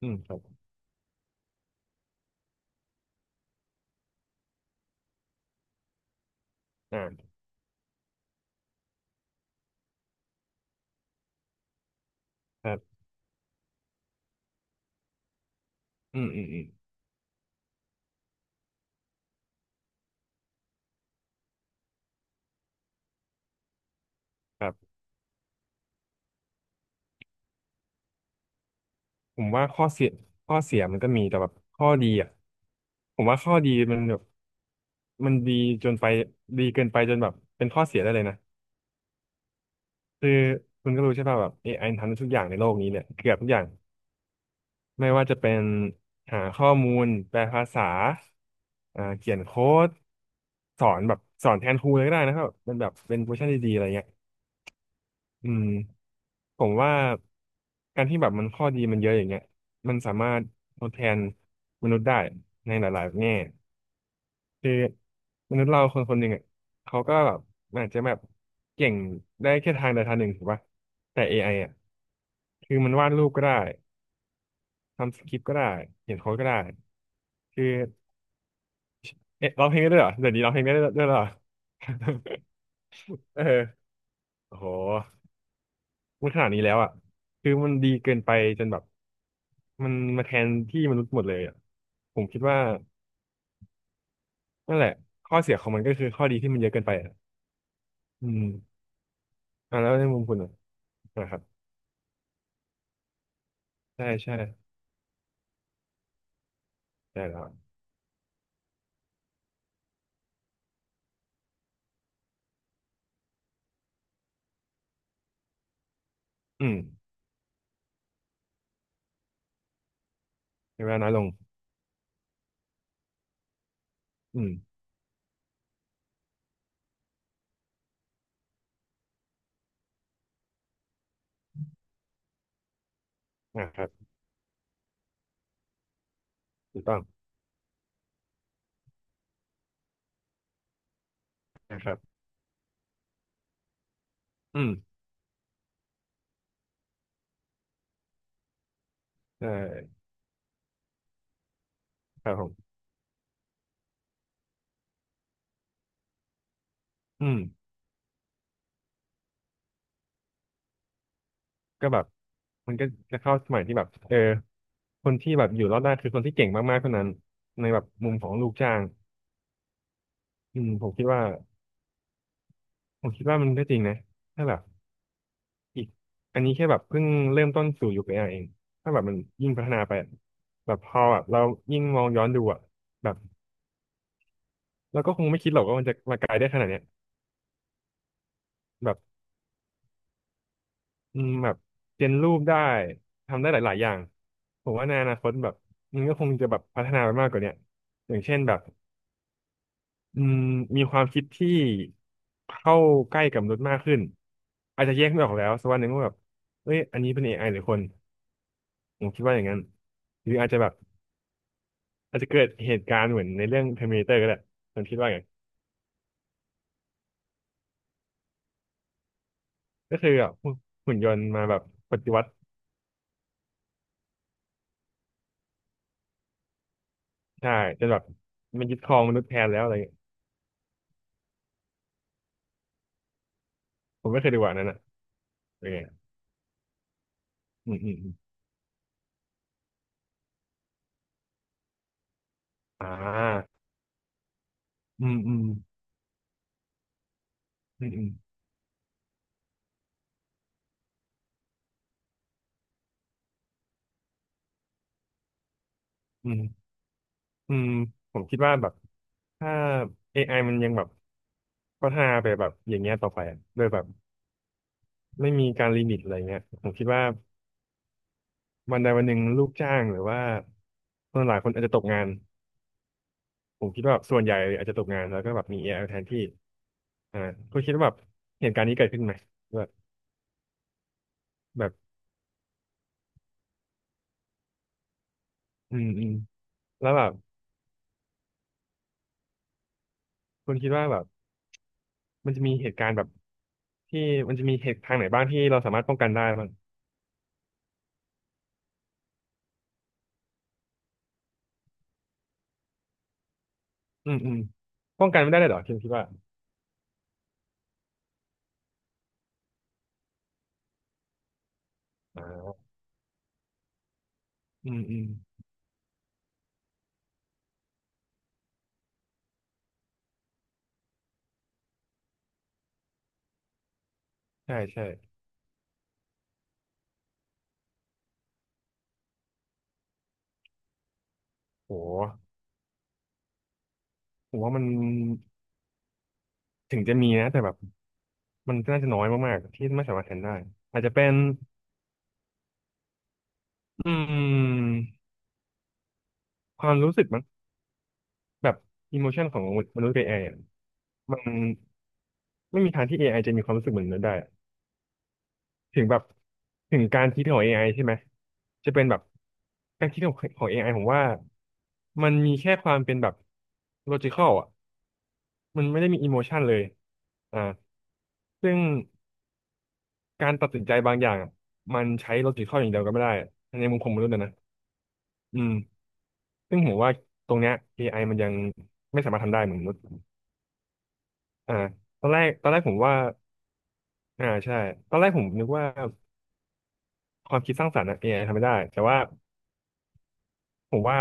อืมครับอ่าครับอืมอืมอืมครับผมว่าข้อเสียมันก็มีแต่แบบข้อดีอ่ะผมว่าข้อดีมันแบบมันดีจนไปดีเกินไปจนแบบเป็นข้อเสียได้เลยนะคือคุณก็รู้ใช่ป่ะแบบ AI ทำได้ทุกอย่างในโลกนี้เนี่ยเกือบทุกอย่างไม่ว่าจะเป็นหาข้อมูลแปลภาษาเขียนโค้ดสอนแบบสอนแทนครูเลยก็ได้นะครับมันแบบเป็นเวอร์ชันดีๆอะไรเงี้ยอืม ผมว่าการที่แบบมันข้อดีมันเยอะอย่างเงี้ยมันสามารถทดแทนมนุษย์ได้ในหลายๆแง่คือมนุษย์เราคนคนหนึ่งอ่ะเขาก็แบบอาจจะแบบเก่งได้แค่ทางใดทางหนึ่งถูกป่ะแต่ AI อไออ่ะคือมันวาดรูปก็ได้ทำสคริปต์ก็ได้เขียนโค้ดก็ได้คือเอ๊ะร้องเพลงได้ด้วยเหรอเดี๋ยวนี้ร้องเพลงได้ด้วยเหรอ เออโอ้โห มันขนาดนี้แล้วอ่ะคือมันดีเกินไปจนแบบมันมาแทนที่มนุษย์หมดเลยอ่ะผมคิดว่านั่นแหละข้อเสียของมันก็คือข้อดีที่มันเยอะเกินไปอ่ะอืมอ่าแล้วในมุมคุณอ่ะนะครับใช่ใช่ใช่แล้วอืมในเวลาน้อยลงอืมนะครับถูกต้องนะครับอืมใช่ครับผมอืมก็แบบมันก็จะเข้าสมัยที่แบบเออคนที่แบบอยู่รอดได้คือคนที่เก่งมากๆเท่านั้นในแบบมุมของลูกจ้างอืมผมคิดว่ามันก็จริงนะถ้าแบบอีกอันนี้แค่แบบเพิ่งเริ่มต้นสู่ยุค AI เองถ้าแบบมันยิ่งพัฒนาไปอะแบบพอแบบเรายิ่งมองย้อนดูอ่ะแบบเราก็คงไม่คิดหรอกว่ามันจะมาไกลได้ขนาดเนี้ยแบบอืมแบบเจนรูปได้ทำได้หลายๆอย่างผมว่าในอนาคตแบบมันก็คงจะแบบพัฒนาไปมากกว่าเนี้ยอย่างเช่นแบบอืมมีความคิดที่เข้าใกล้กับมนุษย์มากขึ้นอาจจะแยกไม่ออกแล้วสักวันหนึ่งว่าแบบเอ้ยอันนี้เป็น AI หรือคน ผมคิดว่าอย่างนั้นหรืออาจจะแบบอาจจะเกิดเหตุการณ์เหมือนในเรื่อง Terminator ก็ได้ผมคิดว่าไงก็คือแบบหุ่นยนต์มาแบบปฏิวัติใช่จนแบบมันยึดครองมนุษย์แทนแล้วอะไรเงี้ยผมไม่เคยดูอันนั้นอ่ะเป็นไงอืมอืมอืมอ่าอืมอืมอืมอืมอืมอืมผมคิดว่าแบบถ้า AI มันยังแบบพัฒนาไปแบบอย่างเงี้ยต่อไปอะโดยแบบไม่มีการลิมิตอะไรเงี้ยผมคิดว่าวันใดวันหนึ่งลูกจ้างหรือว่าคนหลายคนอาจจะตกงาน ผมคิดว่าส่วนใหญ่อาจจะตกงานแล้วก็แบบมี AI แทนที่อ่าคุณคิดว่าแบบเหตุการณ์นี้เกิดขึ้นไหมแบบแบบอืมอืมแล้วแบบคุณคิดว่าแบบมันจะมีเหตุการณ์แบบที่มันจะมีเหตุทางไหนบ้างที่เราสามารถป้องกันได้บ้างอืมอืมป้องกันไม่ได้เลยเหรอคุณคิดว่าอ่าอืมอืมใช่ใช่โหผมว่ามันถึงจะมีนะแต่แบบมันก็น่าจะน้อยมากๆที่ไม่สามารถแทนได้อาจจะเป็นอืมความรู้สึกมันแบบอิโมชันของมนุษย์กับ AI อไออะมัน ไม่มีทางที่ AI จะมีความรู้สึกเหมือนมนุษย์ได้อะถึงแบบถึงการคิดของ AI ใช่ไหมจะเป็นแบบการคิดของAI ผมว่ามันมีแค่ความเป็นแบบ logical อ่ะมันไม่ได้มี emotion เลยอ่าซึ่งการตัดสินใจบางอย่างอะมันใช้ logical อย่างเดียวก็ไม่ได้ในมุมของมนุษย์อะนะอืมซึ่งผมว่าตรงเนี้ย AI มันยังไม่สามารถทำได้เหมือนมนุษย์อ่าตอนแรกผมว่าอ่าใช่ตอนแรกผมนึกว่าความคิดสร้างสรรค์อะ a ทำไม่ได้แต่ว่าผมว่า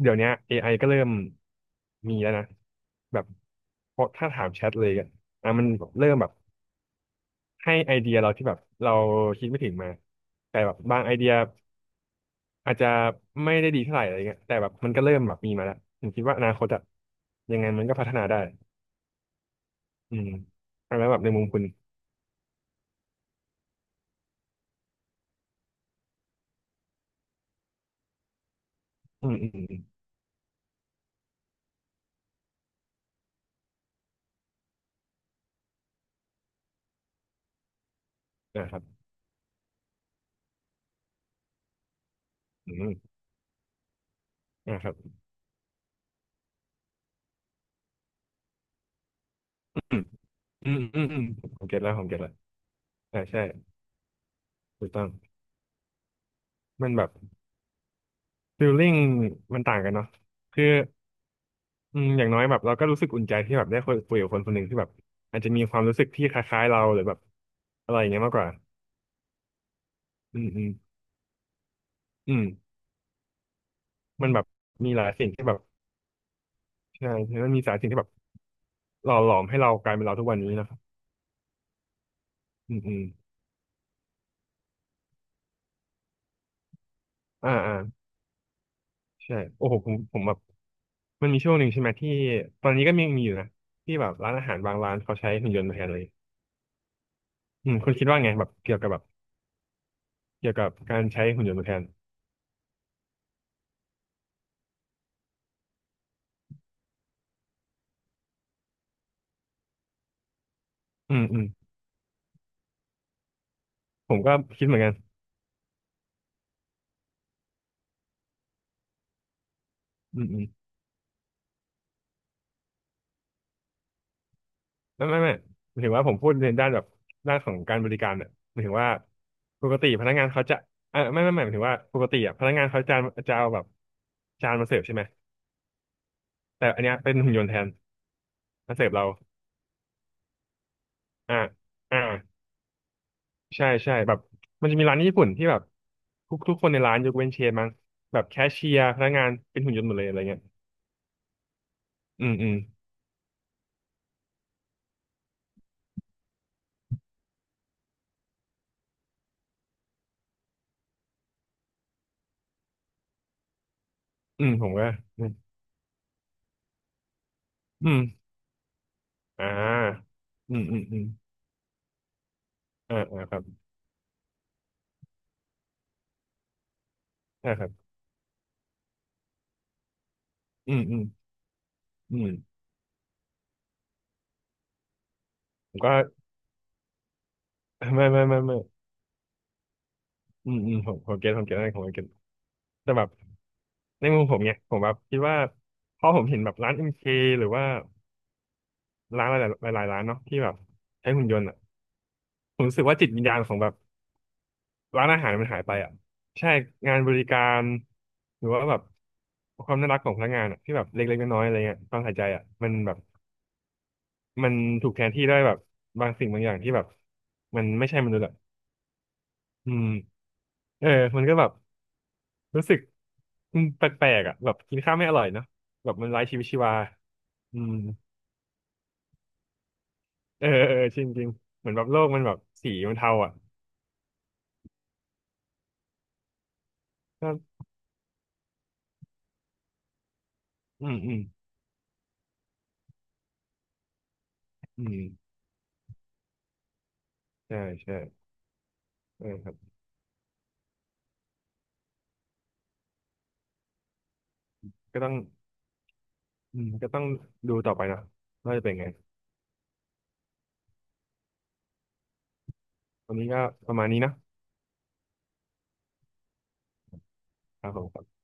เดี๋ยวเนี้ย AI ก็เริ่มมีแล้วนะแบบเพราะถ้าถามแชทเลยอะอ่ะมันเริ่มแบบให้ไอเดียเราที่แบบเราคิดไม่ถึงมาแต่แบบบางไอเดียอาจจะไม่ได้ดีเท่าไหร่อะไรเงี้ยแต่แบบมันก็เริ่มแบบมีมาแล้วผมคิดว่าอนาคตอะยังไงมันก็พัฒนาได้อืมอ่ะแล้วแบบในมุมคุณอืมอืมอืมนะครับอืมอ่ะครับอืมอืมอืมอืมผมเก็ตแล้วอ่าใช่ถูกต้องมันแบบฟิลลิ่งมันต่างกันเนาะคือ อืมอย่างน้อยแบบเราก็รู้สึกอุ่นใจที่แบบได้คุยกับคนคนหนึ่งที่แบบอาจจะมีความรู้สึกที่คล้ายๆเราหรือแบบอะไรอย่างเงี้ยมากกว่าอืมอืมอืมมันแบบมีหลายสิ่งที่แบบใช่มันมีหลายสิ่งที่แบบหล่อหลอมให้เรากลายเป็นเราทุกวันนี้นะครับอืมอืมอ่าอ่าใช่โอ้โหผมแบบมันมีช่วงหนึ่งใช่ไหมที่ตอนนี้ก็มีอยู่นะที่แบบร้านอาหารบางร้านเขาใช้หุ่นยนต์มาแทนเลยอืมคุณคิดว่าไงแบบเกี่ยวกับแบบเกี่ยวกับการใช้หุ่นยนต์มาแทนอืมอืมผมก็คิดเหมือนกันอืม ไม่ไม่ไม่หมายถึงว่าผมพูดในด้านแบบด้านของการบริการเนี่ยหมายถึงว่าปกติพนักงานเขาจะเออไม่ไม่ไม่หมายถึงว่าปกติอ่ะพนักงานเขาจะจะเอาแบบจานมาเสิร์ฟใช่ไหมแต่อันเนี้ยเป็นหุ่นยนต์แทนมาเสิร์ฟเราอ่าอ่าใช่ใช่แบบมันจะมีร้านญี่ปุ่นที่แบบทุกคนในร้านยกเว้นเชฟมั้งแบบแคชเชียร์พนักงานเป็นหุ่นยนต์หมดเลยอะไรเงี้ยอืมอืมอืมผมก็อืมอืมอ่าอืมอืมอืมอ่าอ่าครับใช่ครับอืมอืมอืมผมก็ ไม่ไม่ไม่ไม่ อืมอืมผมเก็ตผมเก็ตอะไรผมเก็ตแต่แบบในมุมผมเนี่ยผมแบบคิดว่าพอผมเห็นแบบร้านเอ็มเคหรือว่าร้านหลายๆร้านเนาะที่แบบใช้หุ่นยนต์อ่ะผมรู้สึกว่าจิตวิญญาณของแบบร้านอาหารมันหายไปอ่ะใช่งานบริการหรือว่าแบบความน่ารักของพนักงานอ่ะที่แบบเล็กๆน้อยๆอะไรเงี้ยความใส่ใจอ่ะมันแบบมันถูกแทนที่ด้วยแบบบางสิ่งบางอย่างที่แบบมันไม่ใช่มนุษย์อ่ะอืมเออมันก็แบบรู้สึกอืมแปลกๆอ่ะแบบกินข้าวไม่อร่อยเนาะแบบมันไร้ชีวิตชีวา อืม เออเออจริงจริงเหมือนแบบโลกมันแบบสีมันเทาอ่ะก็อืม อืม อืมใช่ใช่เออครับก็ต้องอืม ก็ต้องดูต่อไปเนอะว่าจะเป็นไงวันนี้ก็ประมาณนี้นะครับผม